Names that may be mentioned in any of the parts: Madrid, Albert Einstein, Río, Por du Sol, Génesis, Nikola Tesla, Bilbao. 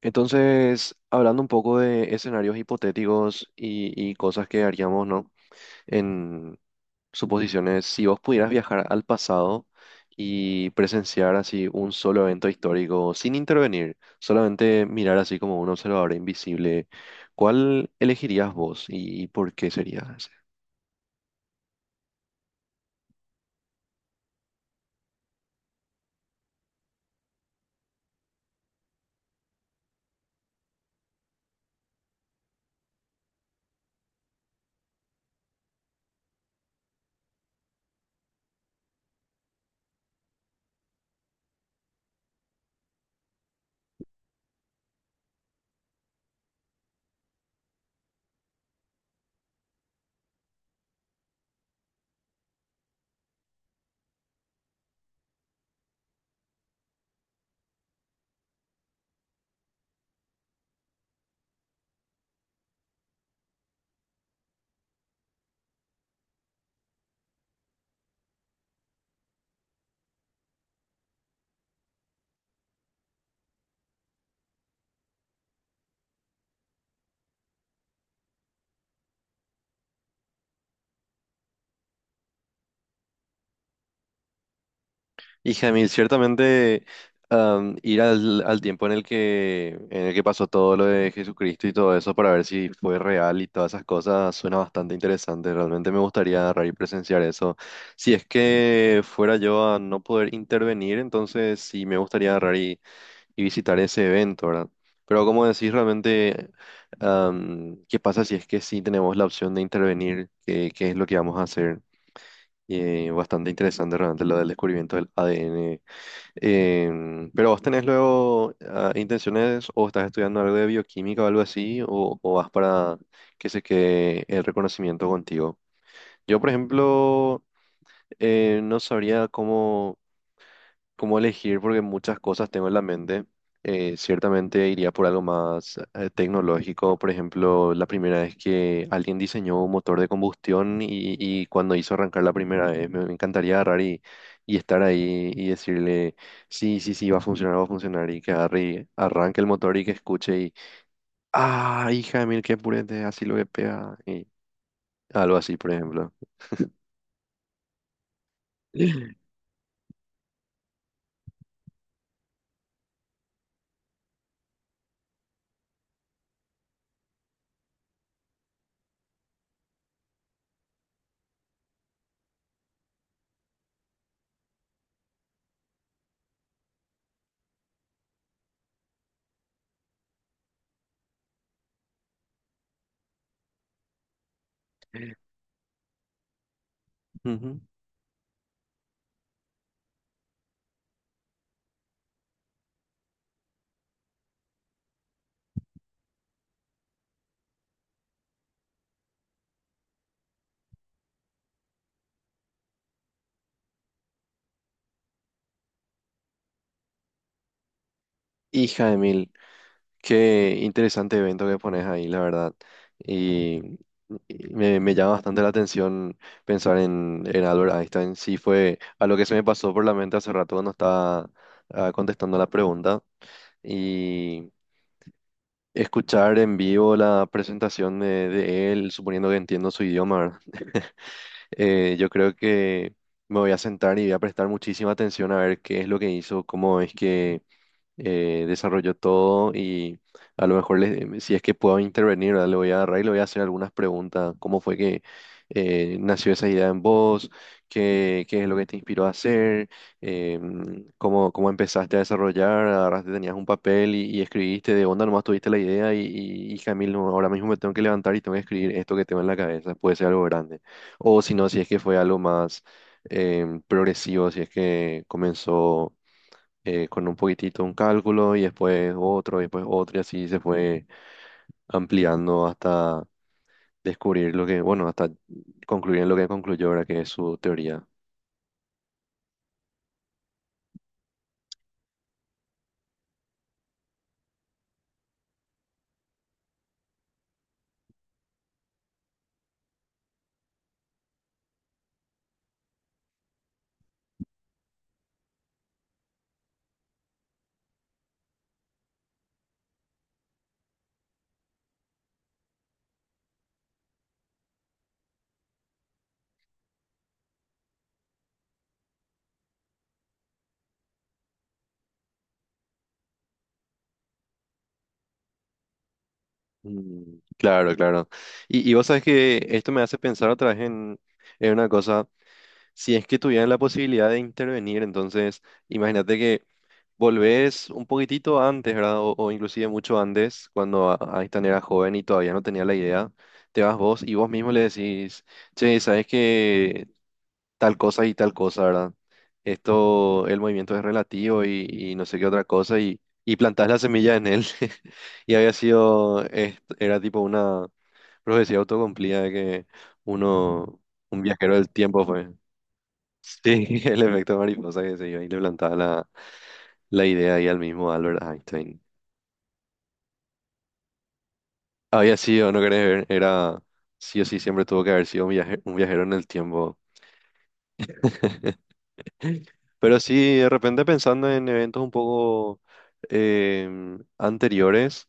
Entonces, hablando un poco de escenarios hipotéticos y cosas que haríamos, ¿no? En suposiciones, si vos pudieras viajar al pasado y presenciar así un solo evento histórico sin intervenir, solamente mirar así como un observador invisible, ¿cuál elegirías vos y por qué sería? Y Jamil, ciertamente ir al tiempo en el que pasó todo lo de Jesucristo y todo eso para ver si fue real y todas esas cosas suena bastante interesante. Realmente me gustaría agarrar y presenciar eso. Si es que fuera yo a no poder intervenir, entonces sí me gustaría agarrar y visitar ese evento, ¿verdad? Pero como decís, realmente, ¿qué pasa si es que sí tenemos la opción de intervenir? ¿Qué es lo que vamos a hacer? Y, bastante interesante realmente lo del descubrimiento del ADN. Pero vos tenés luego intenciones o estás estudiando algo de bioquímica o algo así, o vas para que se quede el reconocimiento contigo. Yo, por ejemplo, no sabría cómo elegir porque muchas cosas tengo en la mente. Ciertamente iría por algo más tecnológico. Por ejemplo, la primera vez que alguien diseñó un motor de combustión y cuando hizo arrancar la primera vez, me encantaría agarrar y estar ahí y decirle, sí, sí, sí, va a funcionar y que agarre y arranque el motor y que escuche y, ah, hija de mil, qué purete, así lo que pega. Y algo así, por ejemplo. Ujú. Hija de mil. Qué interesante evento que pones ahí, la verdad. Y, y me llama bastante la atención pensar en Albert Einstein. Sí, fue a lo que se me pasó por la mente hace rato cuando estaba contestando la pregunta. Y escuchar en vivo la presentación de él, suponiendo que entiendo su idioma, ¿verdad? Yo creo que me voy a sentar y voy a prestar muchísima atención a ver qué es lo que hizo, cómo es que desarrolló todo y a lo mejor si es que puedo intervenir, ¿verdad? Le voy a agarrar y le voy a hacer algunas preguntas. ¿Cómo fue que nació esa idea en vos? ¿Qué es lo que te inspiró a hacer? Eh, ¿cómo empezaste a desarrollar? Agarraste, tenías un papel y escribiste de onda, nomás tuviste la idea y, hija mil, no, ahora mismo me tengo que levantar y tengo que escribir esto que tengo en la cabeza. Puede ser algo grande. O si no, si es que fue algo más progresivo, si es que comenzó con un poquitito un cálculo y después otro, y después otro, y así se fue ampliando hasta descubrir lo que, bueno, hasta concluir en lo que concluyó ahora, que es su teoría. Mm, claro, claro. Y vos sabes que esto me hace pensar otra vez en una cosa. Si es que tuvieran la posibilidad de intervenir, entonces imagínate que volvés un poquitito antes, ¿verdad? O inclusive mucho antes, cuando Einstein era joven y todavía no tenía la idea. Te vas vos y vos mismo le decís, che, ¿sabes que tal cosa y tal cosa, ¿verdad? Esto, el movimiento es relativo y no sé qué otra cosa y plantás la semilla en él. Y había sido, era tipo una profecía autocumplida de que uno, un viajero del tiempo fue. Sí, el efecto mariposa que se iba y le plantaba la, la idea y al mismo Albert Einstein. Había sido, no querés ver, era sí o sí siempre tuvo que haber sido un un viajero en el tiempo. Pero sí, de repente pensando en eventos un poco anteriores,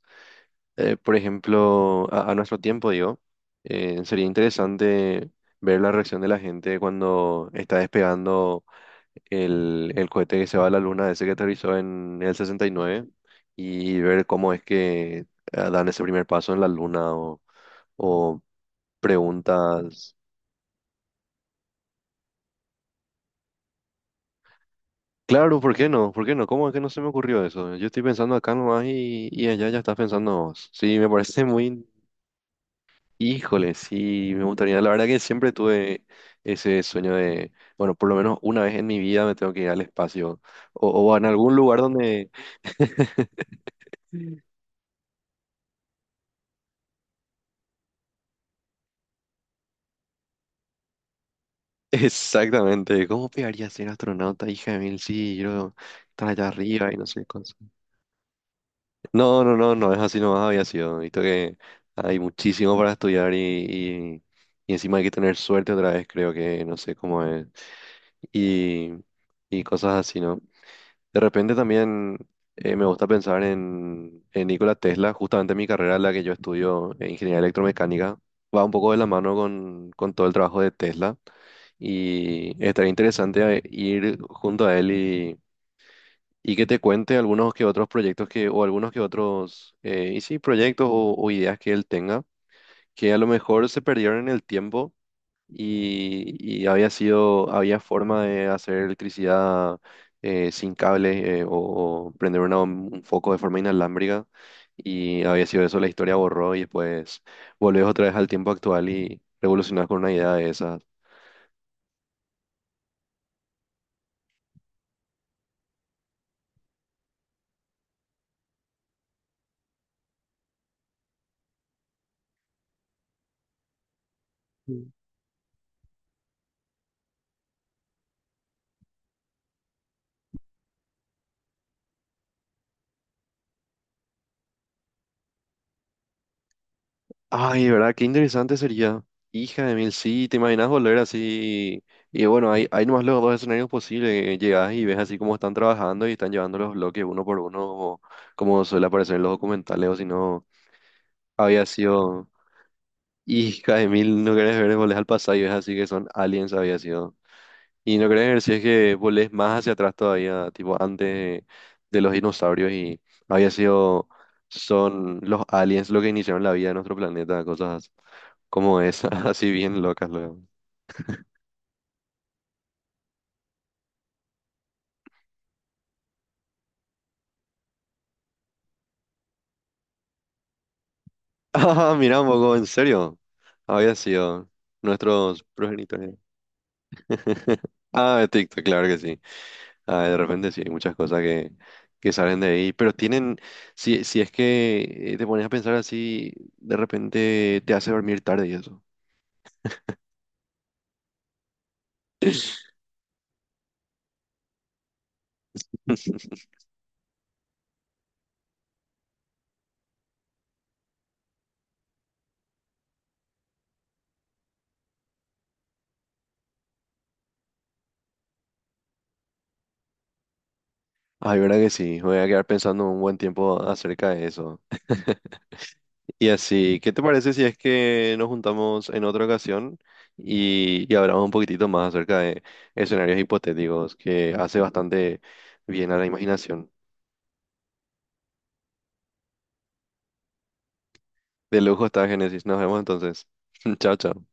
por ejemplo, a nuestro tiempo, digo, sería interesante ver la reacción de la gente cuando está despegando el cohete que se va a la luna, ese que aterrizó en el 69, y nueve, y ver cómo es que dan ese primer paso en la luna o preguntas. Claro, ¿por qué no? ¿Por qué no? ¿Cómo es que no se me ocurrió eso? Yo estoy pensando acá nomás y allá ya estás pensando vos. Sí, me parece muy... Híjole, sí, me gustaría. La verdad que siempre tuve ese sueño de, bueno, por lo menos una vez en mi vida me tengo que ir al espacio o en algún lugar donde... Exactamente, ¿cómo pegaría ser astronauta, hija de mil? Sí, yo estar allá arriba y no sé qué. No, no, no, no es así nomás había sido. Visto que hay muchísimo para estudiar y, y encima hay que tener suerte otra vez, creo que no sé cómo es. Y, y cosas así, ¿no? De repente también me gusta pensar en Nikola Tesla, justamente mi carrera, la que yo estudio en ingeniería electromecánica, va un poco de la mano con todo el trabajo de Tesla. Y estaría interesante ir junto a él y que te cuente algunos que otros proyectos que, o algunos que otros, y sí, proyectos o ideas que él tenga, que a lo mejor se perdieron en el tiempo y, y había sido, había forma de hacer electricidad sin cable o prender un foco de forma inalámbrica. Y había sido eso, la historia borró y después volvés otra vez al tiempo actual y revolucionás con una idea de esas. Ay, ¿verdad? Qué interesante sería. Hija de mil, sí, te imaginas volver así. Y bueno, hay nomás los dos escenarios posibles. Llegas y ves así cómo están trabajando y están llevando los bloques uno por uno, como suele aparecer en los documentales, o si no, había sido. Hija de mil, no querés ver, volvés al pasado y ves así que son aliens, había sido. Y lo que quería decir es que volés más hacia atrás todavía, tipo antes de, los dinosaurios y había sido, son los aliens lo que iniciaron la vida de nuestro planeta, cosas como esas, así bien locas luego. Ah, mira un poco, en serio, había sido nuestros progenitores. Ah, de TikTok, claro que sí. Ah, de repente sí, hay muchas cosas que salen de ahí, pero tienen, si, si es que te pones a pensar así, de repente te hace dormir tarde y eso. Ay, verdad que sí, voy a quedar pensando un buen tiempo acerca de eso. Y así, ¿qué te parece si es que nos juntamos en otra ocasión y hablamos un poquitito más acerca de escenarios hipotéticos que hace bastante bien a la imaginación? De lujo está Génesis, nos vemos entonces. Chao, chao.